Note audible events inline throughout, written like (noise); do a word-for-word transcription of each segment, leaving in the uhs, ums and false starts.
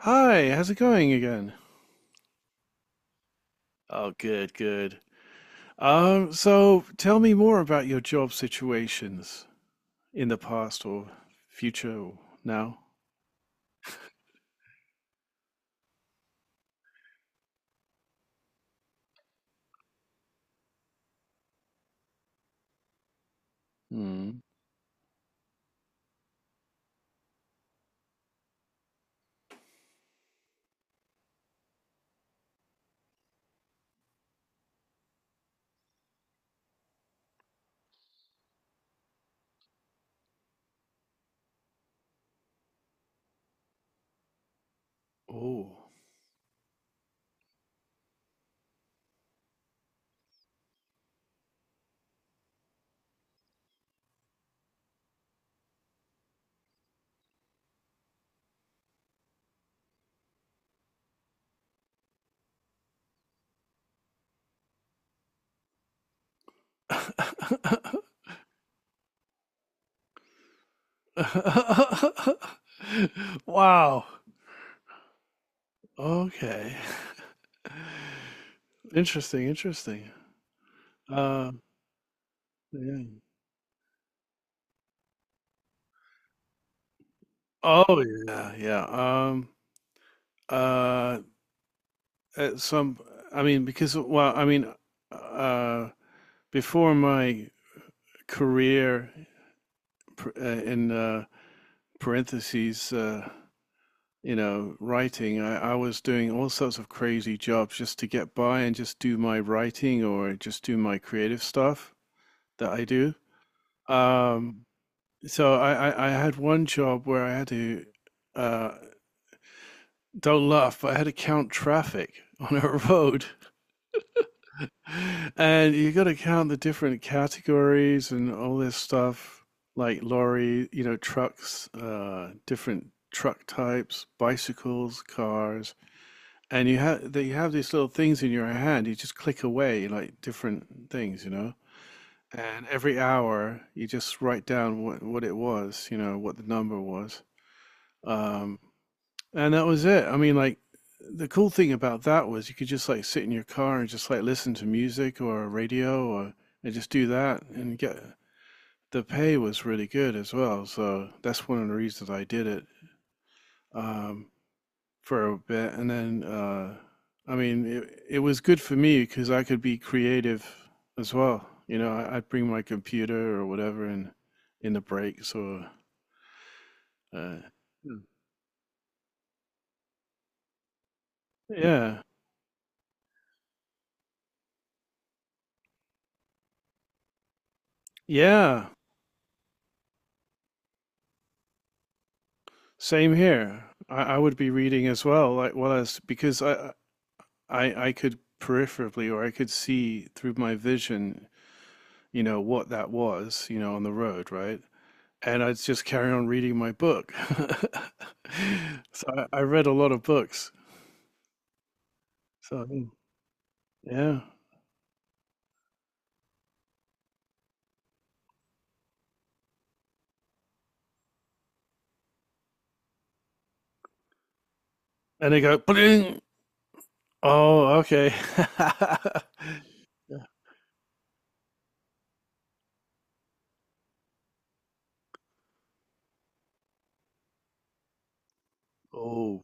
Hi, how's it going again? Oh, good, good. Um, so tell me more about your job situations in the past or future or now. Hmm. Oh. (laughs) Wow. Okay. (laughs) Interesting, interesting. Uh, yeah. Oh yeah, yeah. Um, uh, at some, I mean, because well, I mean, uh, before my career uh, in uh, parentheses, uh, you know, writing, I, I was doing all sorts of crazy jobs just to get by and just do my writing or just do my creative stuff that I do. Um, so I, I, I had one job where I had to, uh, don't laugh, but I had to count traffic (laughs) on a road. And you got to count the different categories and all this stuff, like lorry, you know, trucks, uh, different truck types, bicycles, cars, and you have that you have these little things in your hand. You just click away like different things, you know. And every hour, you just write down what what it was, you know, what the number was. Um, and that was it. I mean, like the cool thing about that was you could just like sit in your car and just like listen to music or radio or and just do that and get the pay was really good as well. So that's one of the reasons I did it um, for a bit. And then uh, I mean, it, it was good for me because I could be creative as well. You know, I, I'd bring my computer or whatever in in the breaks or uh. Hmm. Yeah, yeah. Same here. I, I would be reading as well, like well as because I, I I could peripherally or I could see through my vision, you know, what that was, you know, on the road, right? And I'd just carry on reading my book. (laughs) So I, I read a lot of books. So yeah. And they go, bling. Oh, okay. (laughs) Yeah. Oh,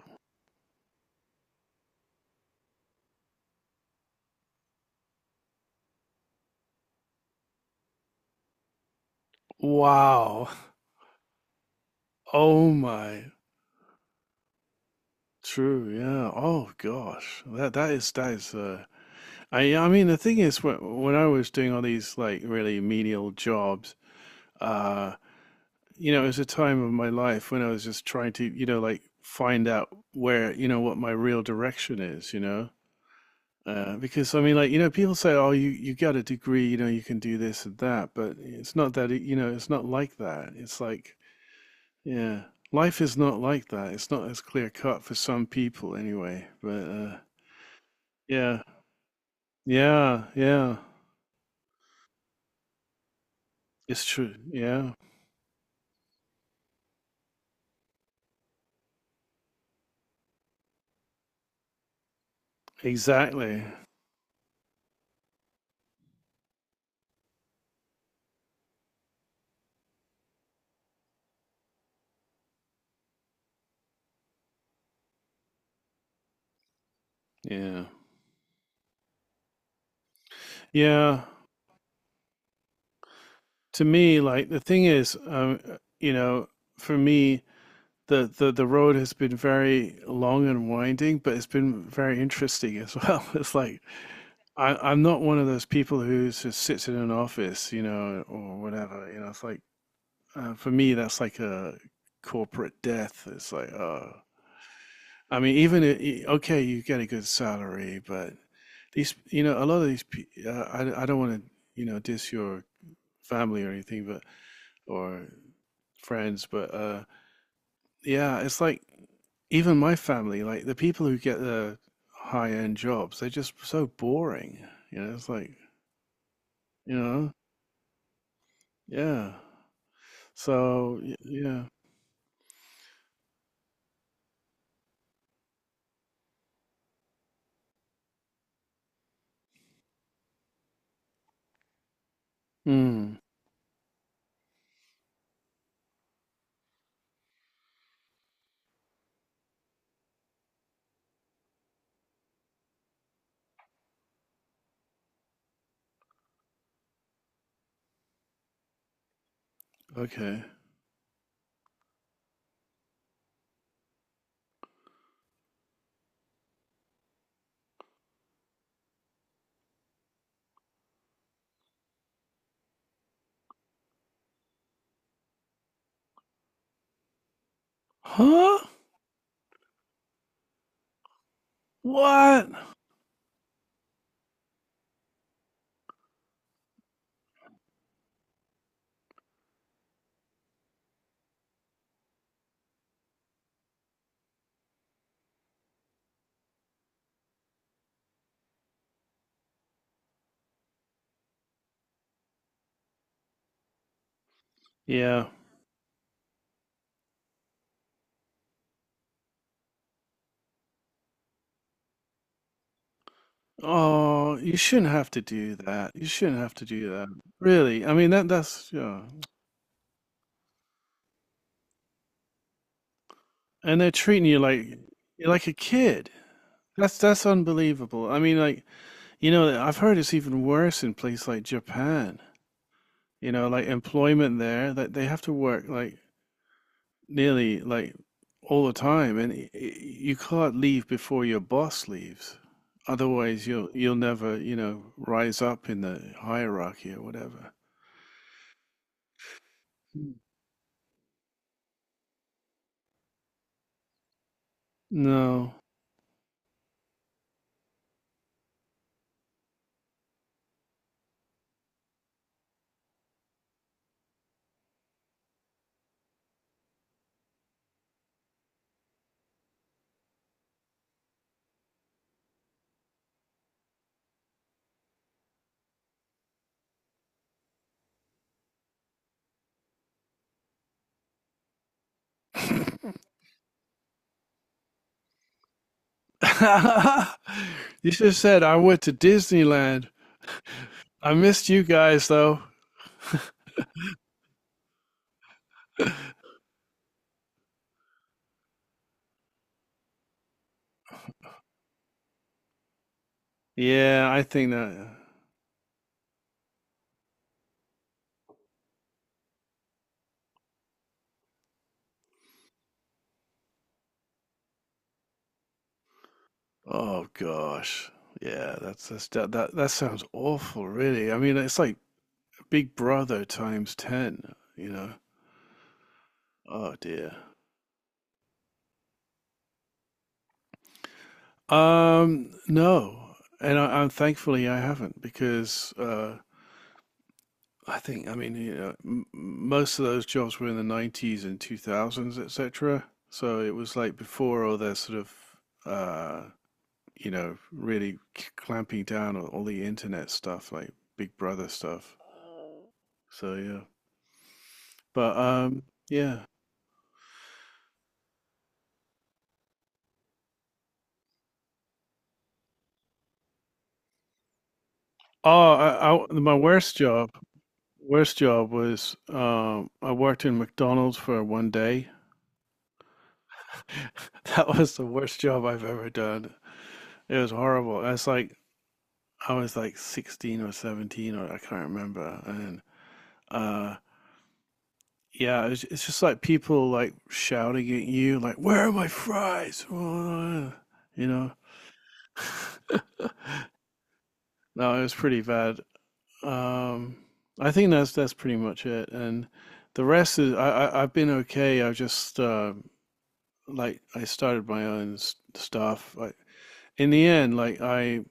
wow. Oh my. True, yeah. Oh gosh. That that is that is uh I I mean the thing is when, when I was doing all these like really menial jobs, uh, you know, it was a time of my life when I was just trying to, you know, like find out where, you know, what my real direction is, you know. Uh, because I mean, like, you know, people say, "Oh, you you got a degree, you know, you can do this and that," but it's not that, it- you know, it's not like that. It's like, yeah, life is not like that. It's not as clear cut for some people, anyway. But uh, yeah, yeah, yeah, it's true. Yeah. Exactly. Yeah. Yeah. To me, like the thing is, um, uh, you know, for me, the, the the road has been very long and winding, but it's been very interesting as well. (laughs) It's like I, I'm not one of those people who just sits in an office, you know, or whatever. You know, it's like uh, for me, that's like a corporate death. It's like, oh, I mean, even i- i- okay, you get a good salary, but these, you know, a lot of these, pe- uh, I I don't want to, you know, diss your family or anything, but or friends. But uh, yeah, it's like even my family, like the people who get the high end jobs, they're just so boring. You know, it's like you know, yeah. So y- yeah. Hmm. Okay. Huh? What? Yeah. Oh, you shouldn't have to do that. You shouldn't have to do that. Really. I mean that that's yeah. And they're treating you like you're like a kid. That's that's unbelievable. I mean like you know, I've heard it's even worse in places like Japan. You know, like employment there, that they have to work like nearly like all the time, and y- y- you can't leave before your boss leaves. Otherwise, you'll you'll never, you know, rise up in the hierarchy or whatever. Mm. No. (laughs) You should have said I went to Disneyland. I missed you guys though. Yeah, I think that. Oh gosh. Yeah, that's that's that that, that sounds awful, really. I mean, it's like Big Brother times ten, you know. Oh dear. Um, no. And I, I'm thankfully I haven't because uh I think I mean, you know, m m- most of those jobs were in the nineties and two thousands, et cetera. So it was like before all their sort of uh, you know, really c- clamping down on all the internet stuff, like Big Brother stuff. So yeah. But um, yeah. Oh, I, I, my worst job, worst job was um, I worked in McDonald's for one day. (laughs) That was the worst job I've ever done. It was horrible. I was like, I was like sixteen or seventeen or I can't remember. And uh, yeah, it's, it's just like people like shouting at you, like, "Where are my fries?" (laughs) You know. No, it was pretty bad. Um, I think that's that's pretty much it, and the rest is I, I I've been okay. I've just uh, like I started my own s- stuff. I, in the end, like I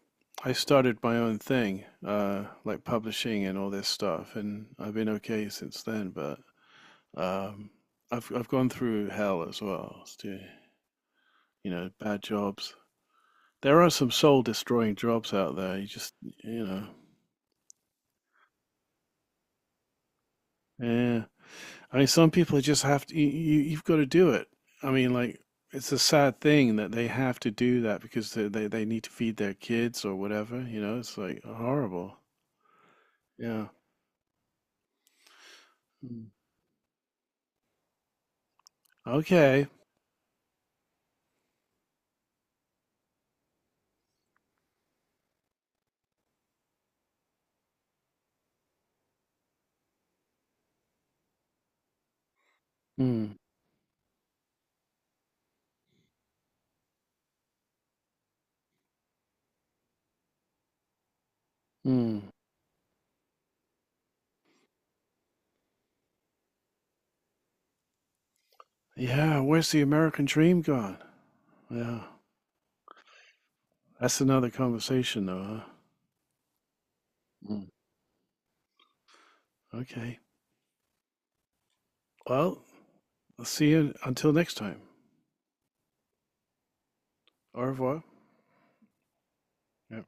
I started my own thing, uh, like publishing and all this stuff, and I've been okay since then. But um, I've I've gone through hell as well. It's you know, bad jobs. There are some soul destroying jobs out there. You just you know, yeah. I mean, some people just have to. You, you, you've got to do it. I mean, like it's a sad thing that they have to do that because they, they they need to feed their kids or whatever. You know, it's like horrible. Yeah. Mm. Okay. Mm. Mm. Yeah. Where's the American dream gone? Yeah. That's another conversation, though. Huh? Mm. Okay. Well, I'll see you until next time. Au revoir. Yeah.